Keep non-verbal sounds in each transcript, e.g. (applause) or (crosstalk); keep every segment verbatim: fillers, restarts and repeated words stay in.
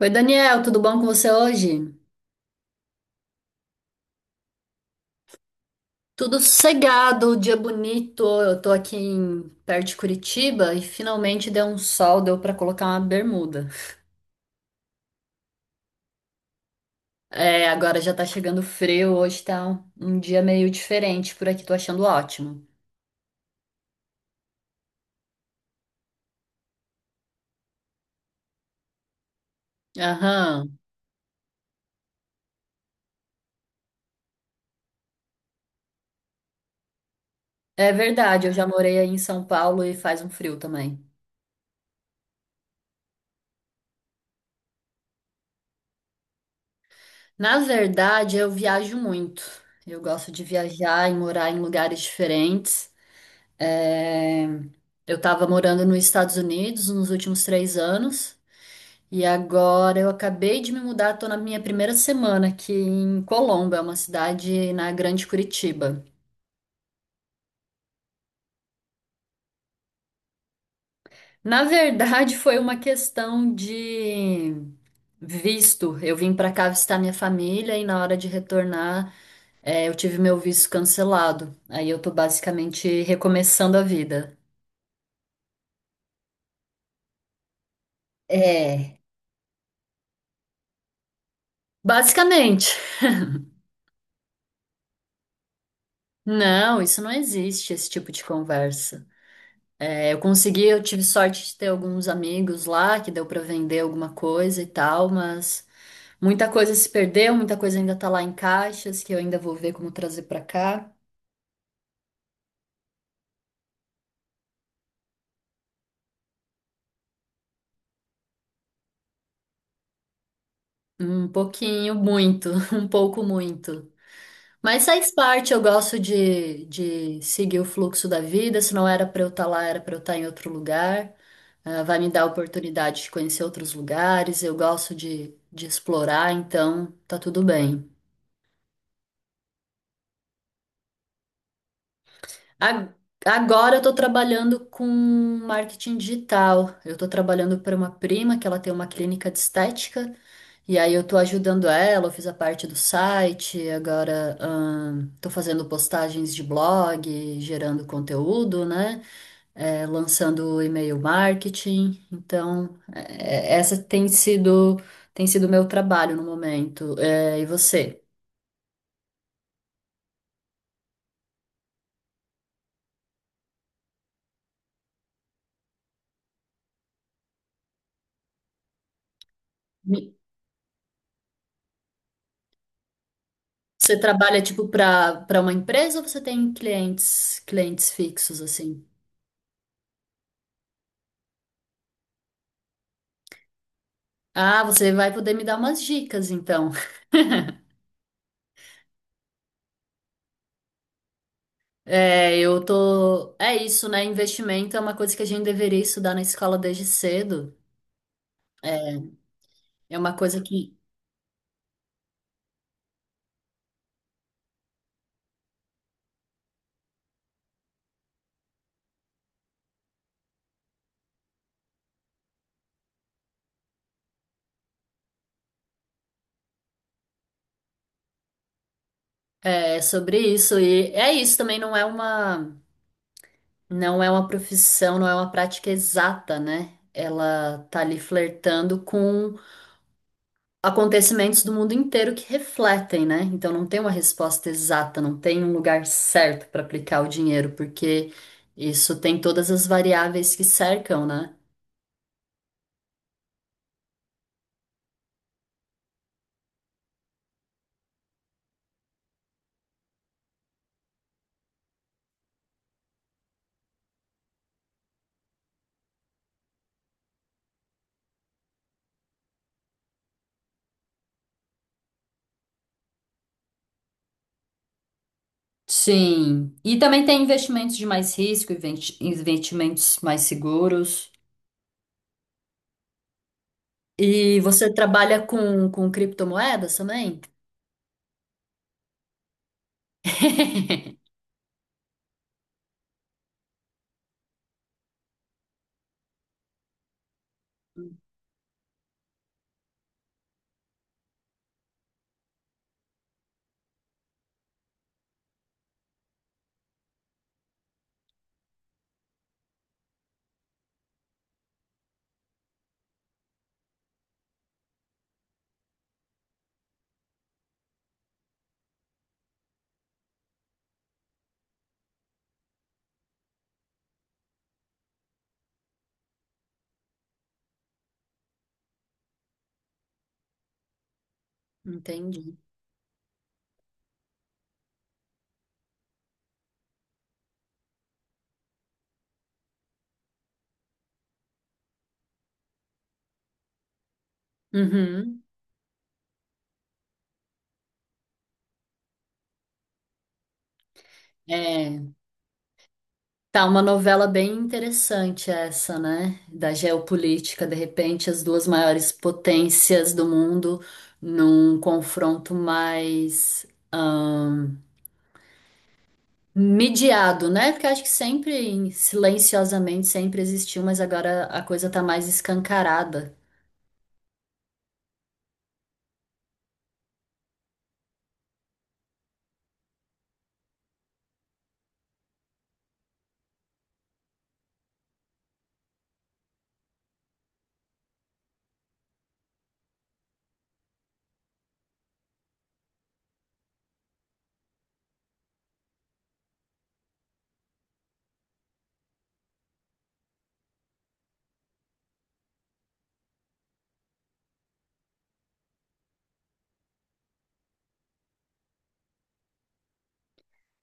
Oi, Daniel, tudo bom com você hoje? Tudo sossegado, dia bonito. Eu tô aqui em, perto de Curitiba e finalmente deu um sol, deu pra colocar uma bermuda. É, agora já tá chegando frio, hoje tá um, um dia meio diferente por aqui, tô achando ótimo. Aham, é verdade, eu já morei aí em São Paulo e faz um frio também. Na verdade, eu viajo muito. Eu gosto de viajar e morar em lugares diferentes. É, eu estava morando nos Estados Unidos nos últimos três anos e agora eu acabei de me mudar, estou na minha primeira semana aqui em Colombo, é uma cidade na Grande Curitiba. Na verdade, foi uma questão de visto. Eu vim para cá visitar minha família e na hora de retornar, é, eu tive meu visto cancelado. Aí eu tô basicamente recomeçando a vida. É, basicamente. Não, isso não existe, esse tipo de conversa. É, eu consegui, eu tive sorte de ter alguns amigos lá, que deu para vender alguma coisa e tal, mas muita coisa se perdeu, muita coisa ainda tá lá em caixas, que eu ainda vou ver como trazer para cá. Um pouquinho, muito, (laughs) um pouco muito. Mas faz parte, eu gosto de, de seguir o fluxo da vida. Se não era para eu estar lá, era para eu estar em outro lugar. Ah, vai me dar a oportunidade de conhecer outros lugares. Eu gosto de, de explorar, então tá tudo bem. A- Agora eu estou trabalhando com marketing digital. Eu estou trabalhando para uma prima que ela tem uma clínica de estética e aí eu estou ajudando ela. Eu fiz a parte do site, agora estou fazendo postagens de blog, gerando conteúdo, né? É, lançando e-mail marketing. Então é, é, essa tem sido tem sido meu trabalho no momento. É, e você? Você trabalha tipo para para uma empresa ou você tem clientes clientes fixos assim? Ah, você vai poder me dar umas dicas então. É, eu tô. É isso, né? Investimento é uma coisa que a gente deveria estudar na escola desde cedo. É, é uma coisa que é é sobre isso e é isso também não é uma não é uma profissão, não é uma prática exata, né? Ela tá ali flertando com acontecimentos do mundo inteiro que refletem, né? Então não tem uma resposta exata, não tem um lugar certo para aplicar o dinheiro, porque isso tem todas as variáveis que cercam, né? Sim. E também tem investimentos de mais risco, investi- investimentos mais seguros. E você trabalha com, com criptomoedas também? (laughs) Entendi. Uhum. É. Tá uma novela bem interessante essa, né? Da geopolítica, de repente, as duas maiores potências do mundo num confronto mais ahn, mediado, né? Porque acho que sempre, em- silenciosamente, sempre existiu, mas agora a coisa tá mais escancarada.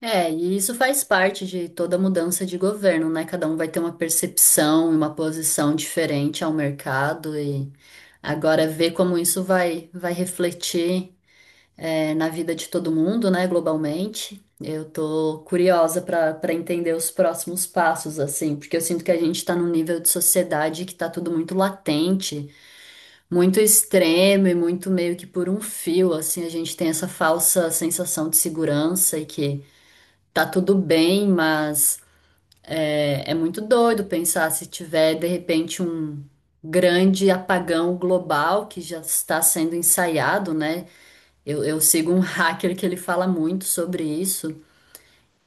É, e isso faz parte de toda mudança de governo, né? Cada um vai ter uma percepção e uma posição diferente ao mercado e agora ver como isso vai vai refletir. É, na vida de todo mundo, né, globalmente. Eu tô curiosa para para entender os próximos passos, assim, porque eu sinto que a gente está num nível de sociedade que tá tudo muito latente, muito extremo e muito meio que por um fio, assim, a gente tem essa falsa sensação de segurança e que tá tudo bem, mas é, é muito doido pensar se tiver de repente um grande apagão global que já está sendo ensaiado, né? Eu, eu sigo um (laughs) hacker que ele fala muito sobre isso.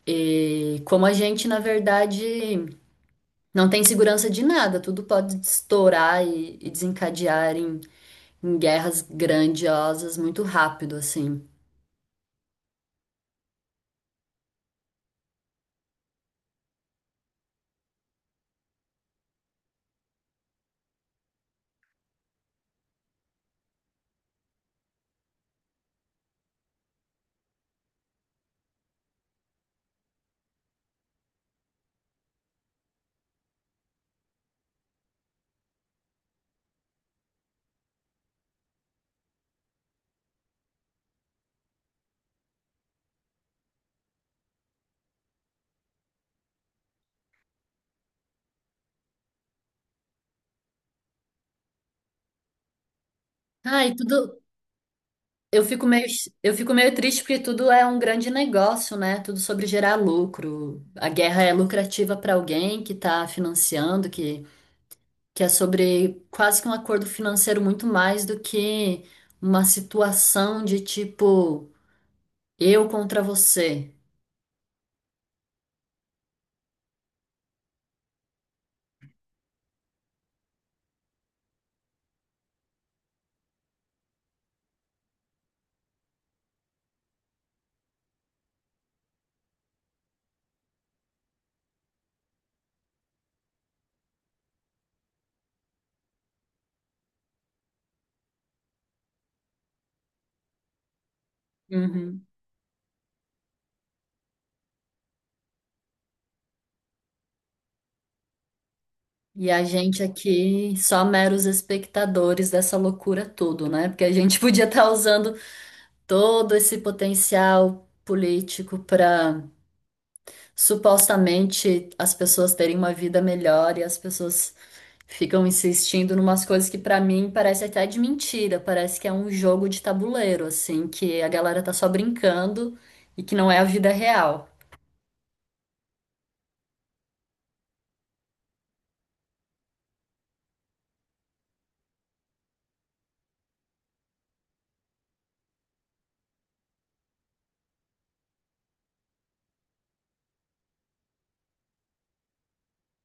E como a gente, na verdade, não tem segurança de nada, tudo pode estourar e, e desencadear em, em guerras grandiosas muito rápido, assim. Ah, e tudo. Eu fico meio, eu fico meio triste porque tudo é um grande negócio, né? Tudo sobre gerar lucro. A guerra é lucrativa para alguém que está financiando, que que é sobre quase que um acordo financeiro muito mais do que uma situação de tipo eu contra você. Uhum. E a gente aqui só meros espectadores dessa loucura tudo, né? Porque a gente (laughs) podia estar usando todo esse potencial político para supostamente as pessoas terem uma vida melhor e as pessoas ficam insistindo numas coisas que pra mim parece até de mentira, parece que é um jogo de tabuleiro, assim, que a galera tá só brincando e que não é a vida real.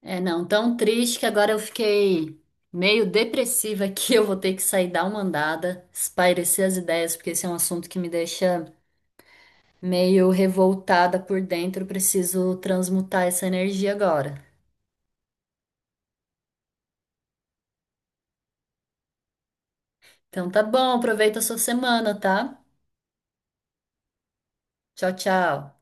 É, não, tão triste que agora eu fiquei meio depressiva aqui, (laughs) eu vou ter que sair dar uma andada, espairecer as ideias, porque esse é um assunto que me deixa meio revoltada por dentro, eu preciso transmutar essa energia agora. Então tá bom, aproveita a sua semana, tá? Tchau, tchau.